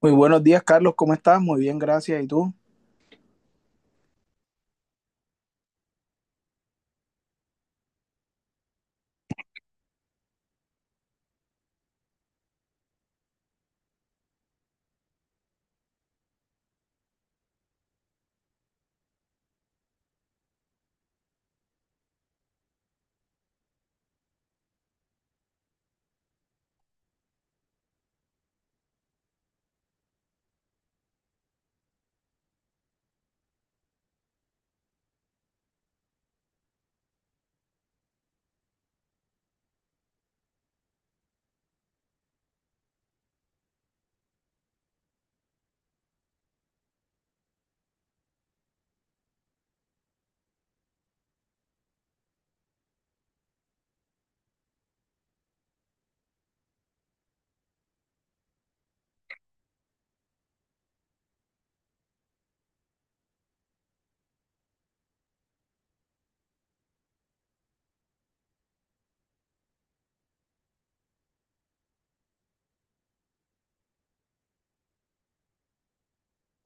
Muy buenos días, Carlos. ¿Cómo estás? Muy bien, gracias. ¿Y tú?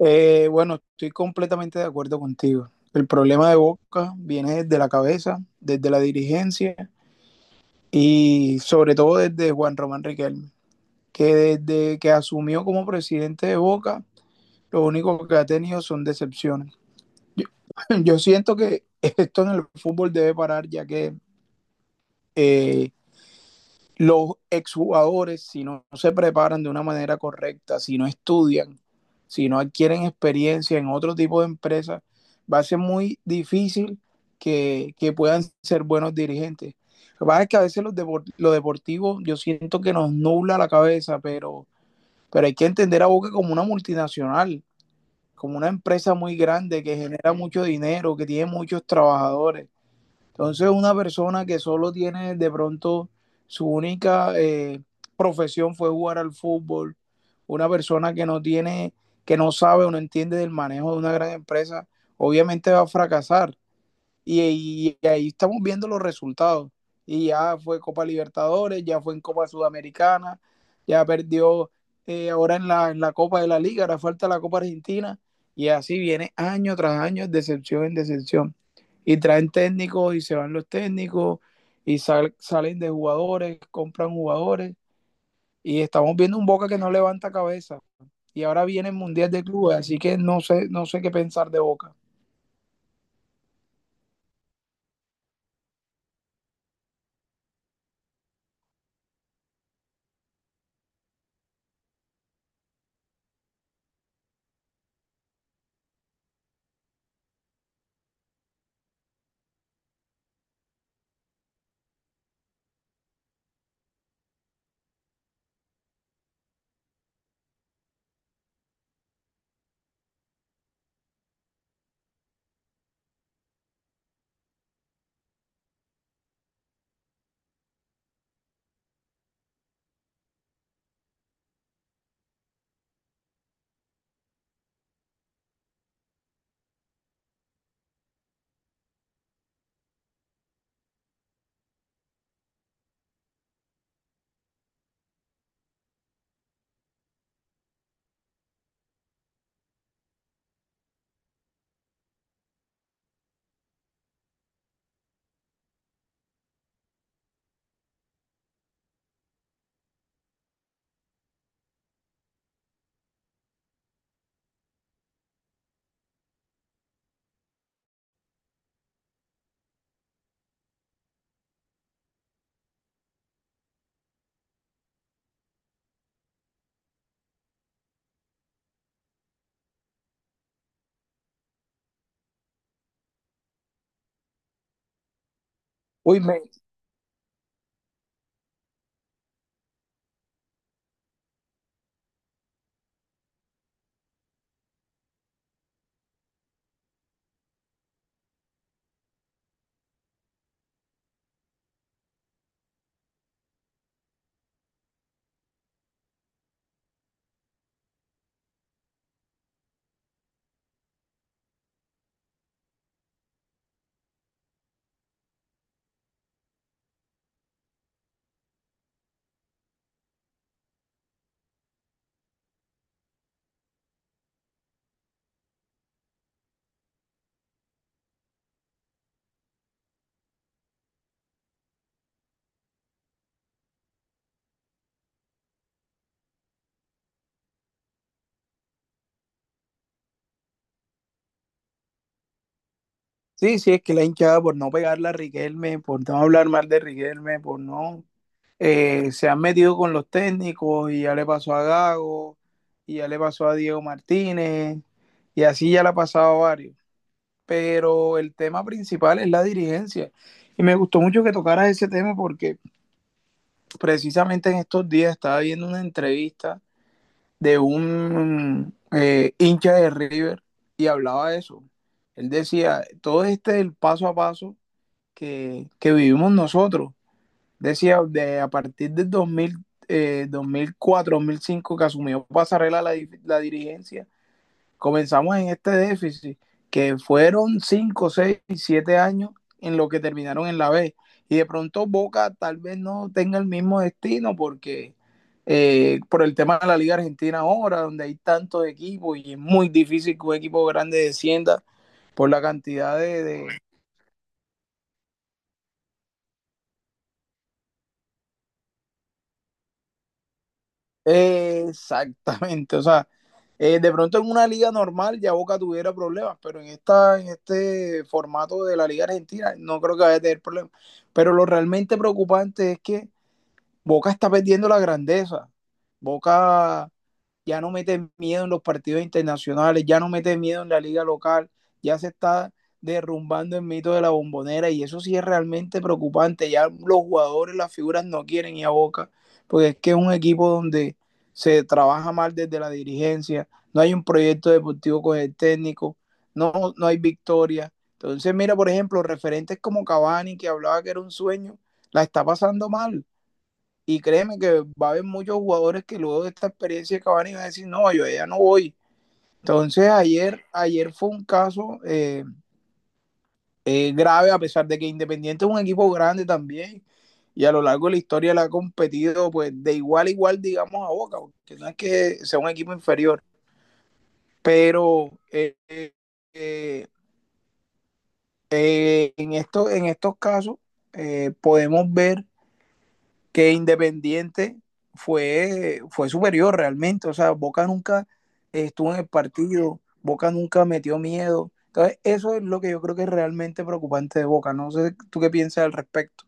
Bueno, estoy completamente de acuerdo contigo. El problema de Boca viene desde la cabeza, desde la dirigencia y sobre todo desde Juan Román Riquelme, que desde que asumió como presidente de Boca, lo único que ha tenido son decepciones. Yo, yo siento que esto en el fútbol debe parar, ya que eh, los exjugadores, si no se preparan de una manera correcta, si no estudian, si no adquieren experiencia en otro tipo de empresas, va a ser muy difícil que puedan ser buenos dirigentes. Lo que pasa es que a veces lo deportivo yo siento que nos nubla la cabeza, pero hay que entender a Boca como una multinacional, como una empresa muy grande que genera mucho dinero, que tiene muchos trabajadores. Entonces, una persona que solo tiene de pronto su única profesión fue jugar al fútbol, una persona que no tiene, que no sabe o no entiende del manejo de una gran empresa, obviamente va a fracasar y ahí estamos viendo los resultados. Y ya fue Copa Libertadores, ya fue en Copa Sudamericana, ya perdió ahora en la Copa de la Liga, ahora falta la Copa Argentina. Y así viene año tras año, decepción en decepción. Y traen técnicos y se van los técnicos y salen de jugadores, compran jugadores. Y estamos viendo un Boca que no levanta cabeza. Y ahora viene el Mundial de Clubes, así que no sé, no sé qué pensar de Boca. Uy, me. Sí, sí, es que la hinchada por no pegarla a Riquelme, por no hablar mal de Riquelme, por no... se han metido con los técnicos y ya le pasó a Gago, y ya le pasó a Diego Martínez, y así ya le ha pasado a varios. Pero el tema principal es la dirigencia. Y me gustó mucho que tocaras ese tema porque precisamente en estos días estaba viendo una entrevista de un hincha de River y hablaba de eso. Él decía, todo este el paso a paso que vivimos nosotros. Decía, de, a partir del 2000, 2004, 2005 que asumió Pasarela la dirigencia, comenzamos en este déficit, que fueron 5, 6, 7 años en lo que terminaron en la B. Y de pronto Boca tal vez no tenga el mismo destino porque por el tema de la Liga Argentina ahora, donde hay tantos equipos y es muy difícil que un equipo grande descienda por la cantidad de. Exactamente, o sea, de pronto en una liga normal ya Boca tuviera problemas, pero en esta, en este formato de la Liga Argentina no creo que vaya a tener problemas. Pero lo realmente preocupante es que Boca está perdiendo la grandeza. Boca ya no mete miedo en los partidos internacionales, ya no mete miedo en la liga local, ya se está derrumbando el mito de la bombonera y eso sí es realmente preocupante. Ya los jugadores, las figuras no quieren ir a Boca, porque es que es un equipo donde se trabaja mal desde la dirigencia, no hay un proyecto deportivo con el técnico, no, no hay victoria. Entonces, mira, por ejemplo, referentes como Cavani, que hablaba que era un sueño, la está pasando mal. Y créeme que va a haber muchos jugadores que luego de esta experiencia de y van a decir, no, yo ya no voy. Entonces ayer, ayer fue un caso grave, a pesar de que Independiente es un equipo grande también, y a lo largo de la historia le ha competido pues de igual a igual, digamos, a Boca, porque no es que sea un equipo inferior. Pero eh, en estos casos podemos ver que Independiente fue superior realmente. O sea, Boca nunca estuvo en el partido, Boca nunca metió miedo. Entonces, eso es lo que yo creo que es realmente preocupante de Boca. No sé tú qué piensas al respecto.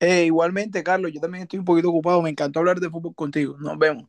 Igualmente, Carlos, yo también estoy un poquito ocupado. Me encantó hablar de fútbol contigo. Nos vemos.